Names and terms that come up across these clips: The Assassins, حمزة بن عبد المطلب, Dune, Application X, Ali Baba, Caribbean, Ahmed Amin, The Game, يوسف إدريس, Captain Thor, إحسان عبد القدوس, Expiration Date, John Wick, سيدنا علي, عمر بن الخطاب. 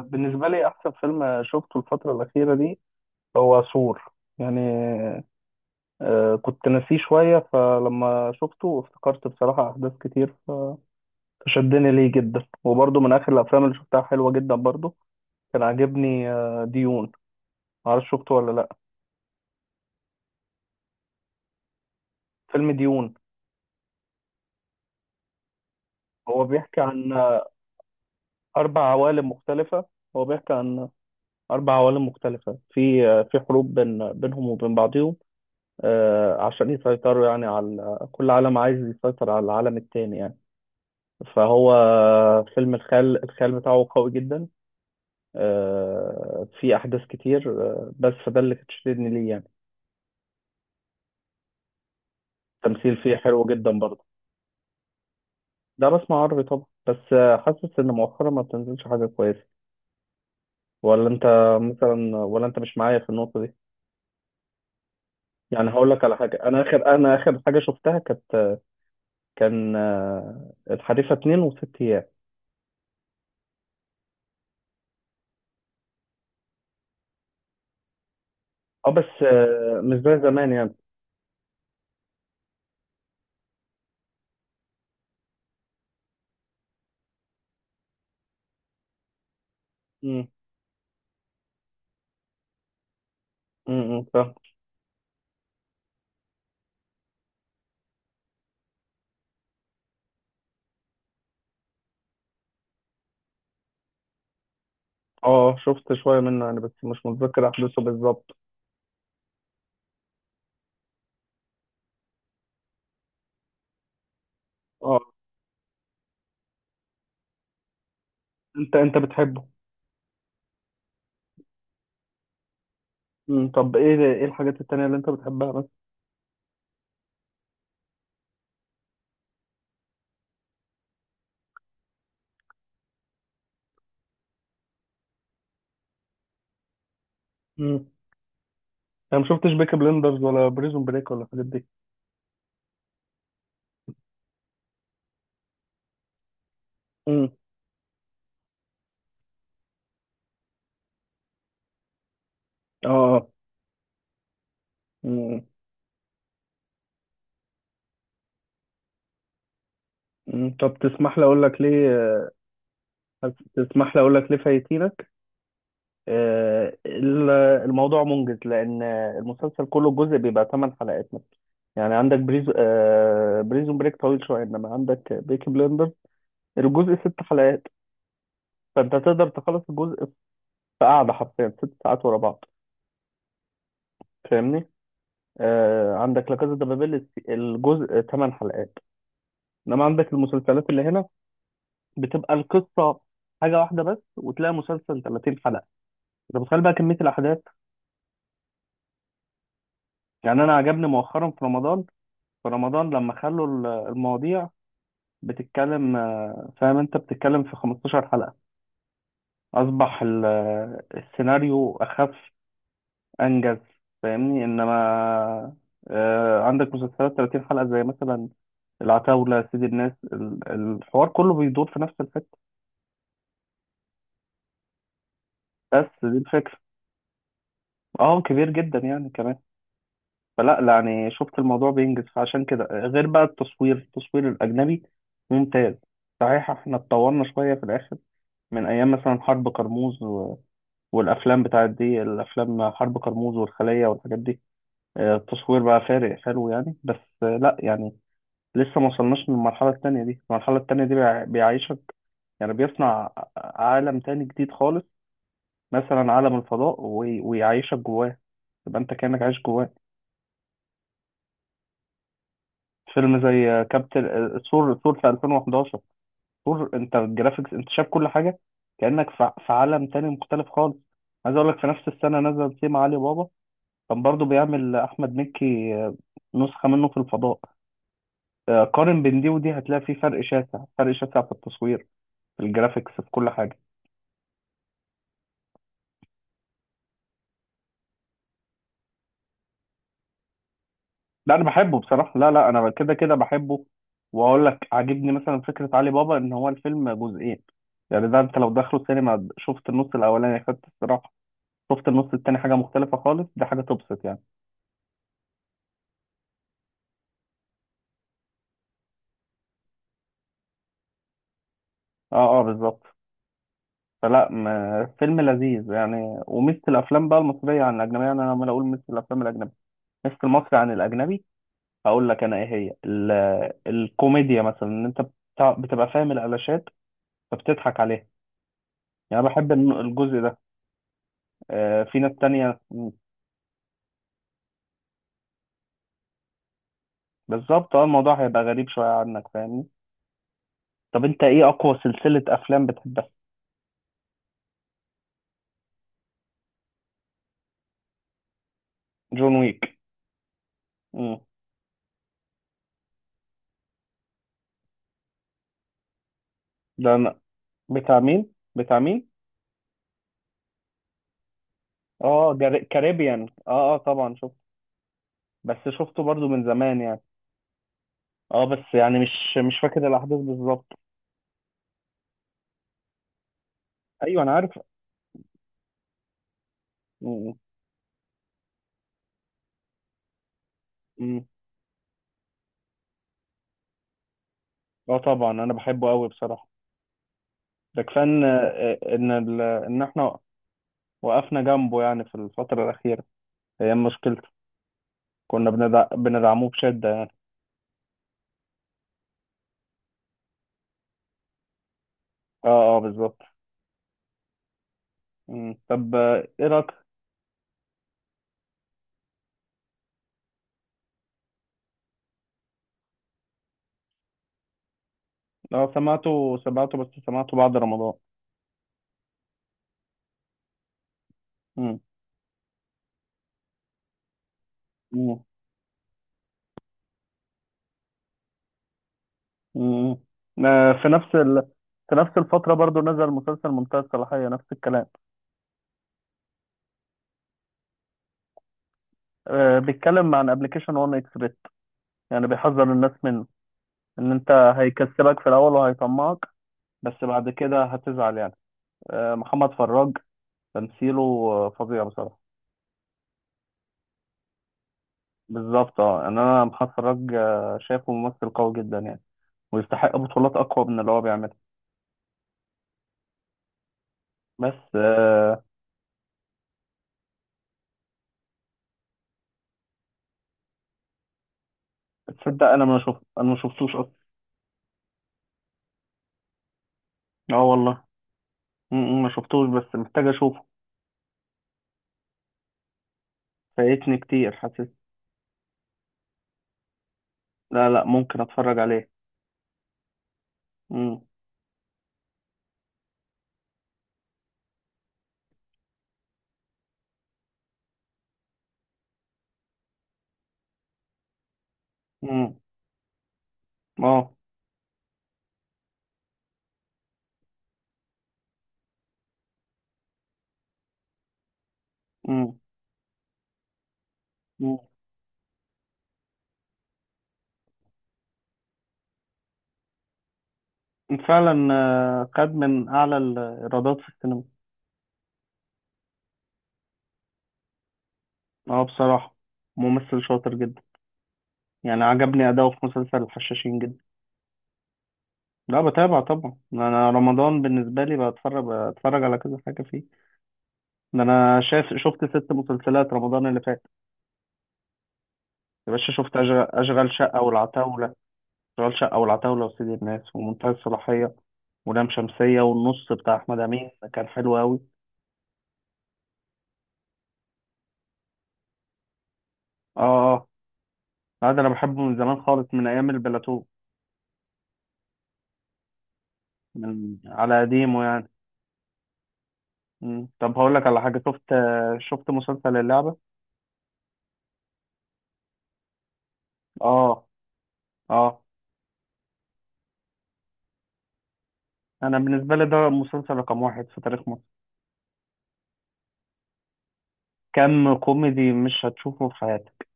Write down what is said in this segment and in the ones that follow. بالنسبة لي أحسن فيلم شفته الفترة الأخيرة دي هو سور. يعني كنت ناسيه شوية، فلما شفته افتكرت بصراحة أحداث كتير، فشدني ليه جدا. وبرضه من آخر الأفلام اللي شفتها حلوة جدا برضه كان عاجبني ديون. معرفش شفته ولا لأ؟ فيلم ديون هو بيحكي عن أربع عوالم مختلفة. هو بيحكي عن أربع عوالم مختلفة، في حروب بينهم وبين بعضهم، عشان يسيطروا، يعني على كل عالم عايز يسيطر على العالم التاني يعني. فهو فيلم الخيال بتاعه قوي جدا. في احداث كتير، بس فده اللي كانت شددني ليه يعني. التمثيل فيه حلو جدا برضه. ده بسمع عربي طبعا، بس حاسس ان مؤخرا ما بتنزلش حاجه كويسه. ولا انت؟ مثلا، ولا انت مش معايا في النقطه دي؟ يعني هقول لك على حاجه. انا اخر حاجه شفتها كان الحريفه اتنين وست ايام. اه، بس مش زي زمان يعني. امم فاهم. اه، شفت شويه منه يعني، بس مش متذكر احداثه بالظبط. آه، انت بتحبه؟ مم. طب ايه الحاجات التانية اللي انت بتحبها بس. مم. انا ما شفتش بيكي بلندرز ولا بريزون بريك ولا الحاجات دي. مم. اه مم. مم. طب تسمح لي اقول لك ليه فايتينك. آه، ال- الموضوع منجز، لان المسلسل كله جزء بيبقى 8 حلقات مثلا. يعني عندك بريزون بريك طويل شويه، انما عندك بيكي بلندر الجزء ست حلقات. فانت تقدر تخلص الجزء في قعده حرفيا 6 ساعات ورا بعض. فاهمني؟ عندك لا كازا دي بابيل الجزء ثمان حلقات. انما عندك المسلسلات اللي هنا بتبقى القصه حاجه واحده بس، وتلاقي مسلسل 30 حلقه. انت متخيل بقى كميه الاحداث؟ يعني انا عجبني مؤخرا في رمضان لما خلوا المواضيع بتتكلم، فاهم، انت بتتكلم في 15 حلقه، اصبح السيناريو اخف. انجز. فاهمني؟ انما عندك مسلسلات 30 حلقه، زي مثلا العتاوله، سيد الناس، الحوار كله بيدور في نفس الحته، بس دي الفكره. اه، كبير جدا يعني كمان. فلا لا، يعني شفت الموضوع بينجز، فعشان كده غير بقى التصوير الاجنبي ممتاز. صحيح احنا اتطورنا شويه في الاخر، من ايام مثلا حرب كرموز و... والافلام بتاعت دي الافلام حرب كرموز والخليه والحاجات دي، التصوير بقى فارق حلو يعني. بس لا يعني. لسه ما وصلناش للمرحلة التانية دي. المرحلة التانية دي بيعيشك. يعني بيصنع عالم تاني جديد خالص، مثلا عالم الفضاء، ويعيشك جواه. يبقى انت كأنك عايش جواه. فيلم زي كابتن ثور في 2011. ثور، انت الجرافيكس انت شايف كل حاجة، كأنك في عالم تاني مختلف خالص. عايز اقول لك، في نفس السنة نزل سيما علي بابا. كان برضه بيعمل احمد مكي نسخة منه في الفضاء. قارن بين دي ودي، هتلاقي في فرق شاسع، فرق شاسع في التصوير، في الجرافيكس، في كل حاجة. لا انا بحبه بصراحه. لا لا، انا كده كده بحبه. واقول لك عاجبني مثلا فكره علي بابا ان هو الفيلم جزئين. يعني ده انت لو دخلوا سينما شفت النص الاولاني خدت الصراحه، شفت النص التاني حاجه مختلفه خالص. دي حاجه تبسط يعني. اه اه بالظبط. فلا فيلم لذيذ يعني. وميزه الافلام بقى المصريه عن الاجنبيه، يعني انا لما اقول ميزه الافلام الاجنبيه، ميزه المصري عن الاجنبي، هقول لك انا ايه هي الكوميديا. مثلا ان انت بتبقى فاهم الالاشات فبتضحك عليها. يعني أنا بحب الجزء ده. في ناس تانية. بالظبط اه. الموضوع هيبقى غريب شوية عنك، فاهمني؟ طب انت ايه اقوى سلسلة افلام بتحبها؟ جون ويك. مم. ده أنا. بتاع مين؟ بتاع مين؟ اه كاريبيان. اه اه طبعا شفت. بس شفته برضو من زمان يعني. اه، بس يعني مش فاكر الاحداث بالظبط. ايوه انا عارف. مم. مم. اه طبعا انا بحبه قوي بصراحة. ده كفاية ان آه، ان ال... ان احنا وقفنا جنبه يعني في الفترة الأخيرة. هي مشكلته. كنا بندعموه بشدة يعني. اه اه بالظبط. مم. طب ايه رايك؟ لو سمعته سمعته، بس سمعته بعد رمضان. مم. مم. مم. آه، في نفس ال... في نفس الفترة برضو نزل مسلسل منتهى الصلاحية، نفس الكلام. بيتكلم عن ابلكيشن وان اكس بيت. يعني بيحذر الناس منه، ان انت هيكسبك في الاول وهيطمعك، بس بعد كده هتزعل يعني. محمد فراج تمثيله فظيع بصراحة. بالظبط اه، يعني انا محمد فراج شايفه ممثل قوي جدا يعني، ويستحق بطولات اقوى من اللي هو بيعملها. بس تصدق انا ما شفتوش اصلا. اه والله. م- م، ما شفتوش بس محتاج اشوفه. فايتني كتير حاسس. لا لا، ممكن اتفرج عليه. م- م، اه م- م. فعلا خد من اعلى الايرادات في السينما. اه بصراحة، ممثل شاطر جدا. يعني عجبني اداؤه في مسلسل الحشاشين جدا. لا، بتابع طبعا. انا رمضان بالنسبة لي بتفرج على كذا حاجة فيه. ده انا شايف شفت ست مسلسلات رمضان اللي فات. يا باشا شفت اشغال شقة والعتاولة. اشغال شقة والعتاولة وسيد الناس ومنتهى الصلاحية ولام شمسية. والنص بتاع أحمد أمين كان حلو أوي. آه آه. لا، ده أنا بحبه من زمان خالص، من أيام البلاتو. من على قديمه يعني. مم. طب هقول لك على حاجة شفت مسلسل اللعبة. آه آه. أنا بالنسبة لي ده مسلسل رقم واحد في تاريخ مصر. كم كوميدي مش هتشوفه في حياتك.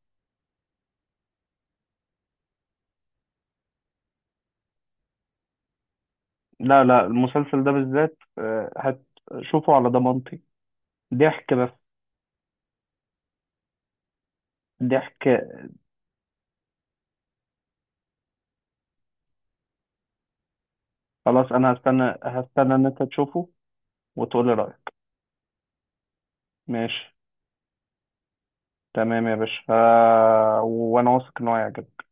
لا لا، المسلسل ده بالذات هتشوفه على ضمانتي. ضحك بس. ضحك. خلاص أنا هستنى هستنى إن أنت تشوفه وتقول لي رأيك. ماشي. تمام يا باشا، وانا واثق ان هو هيعجبك.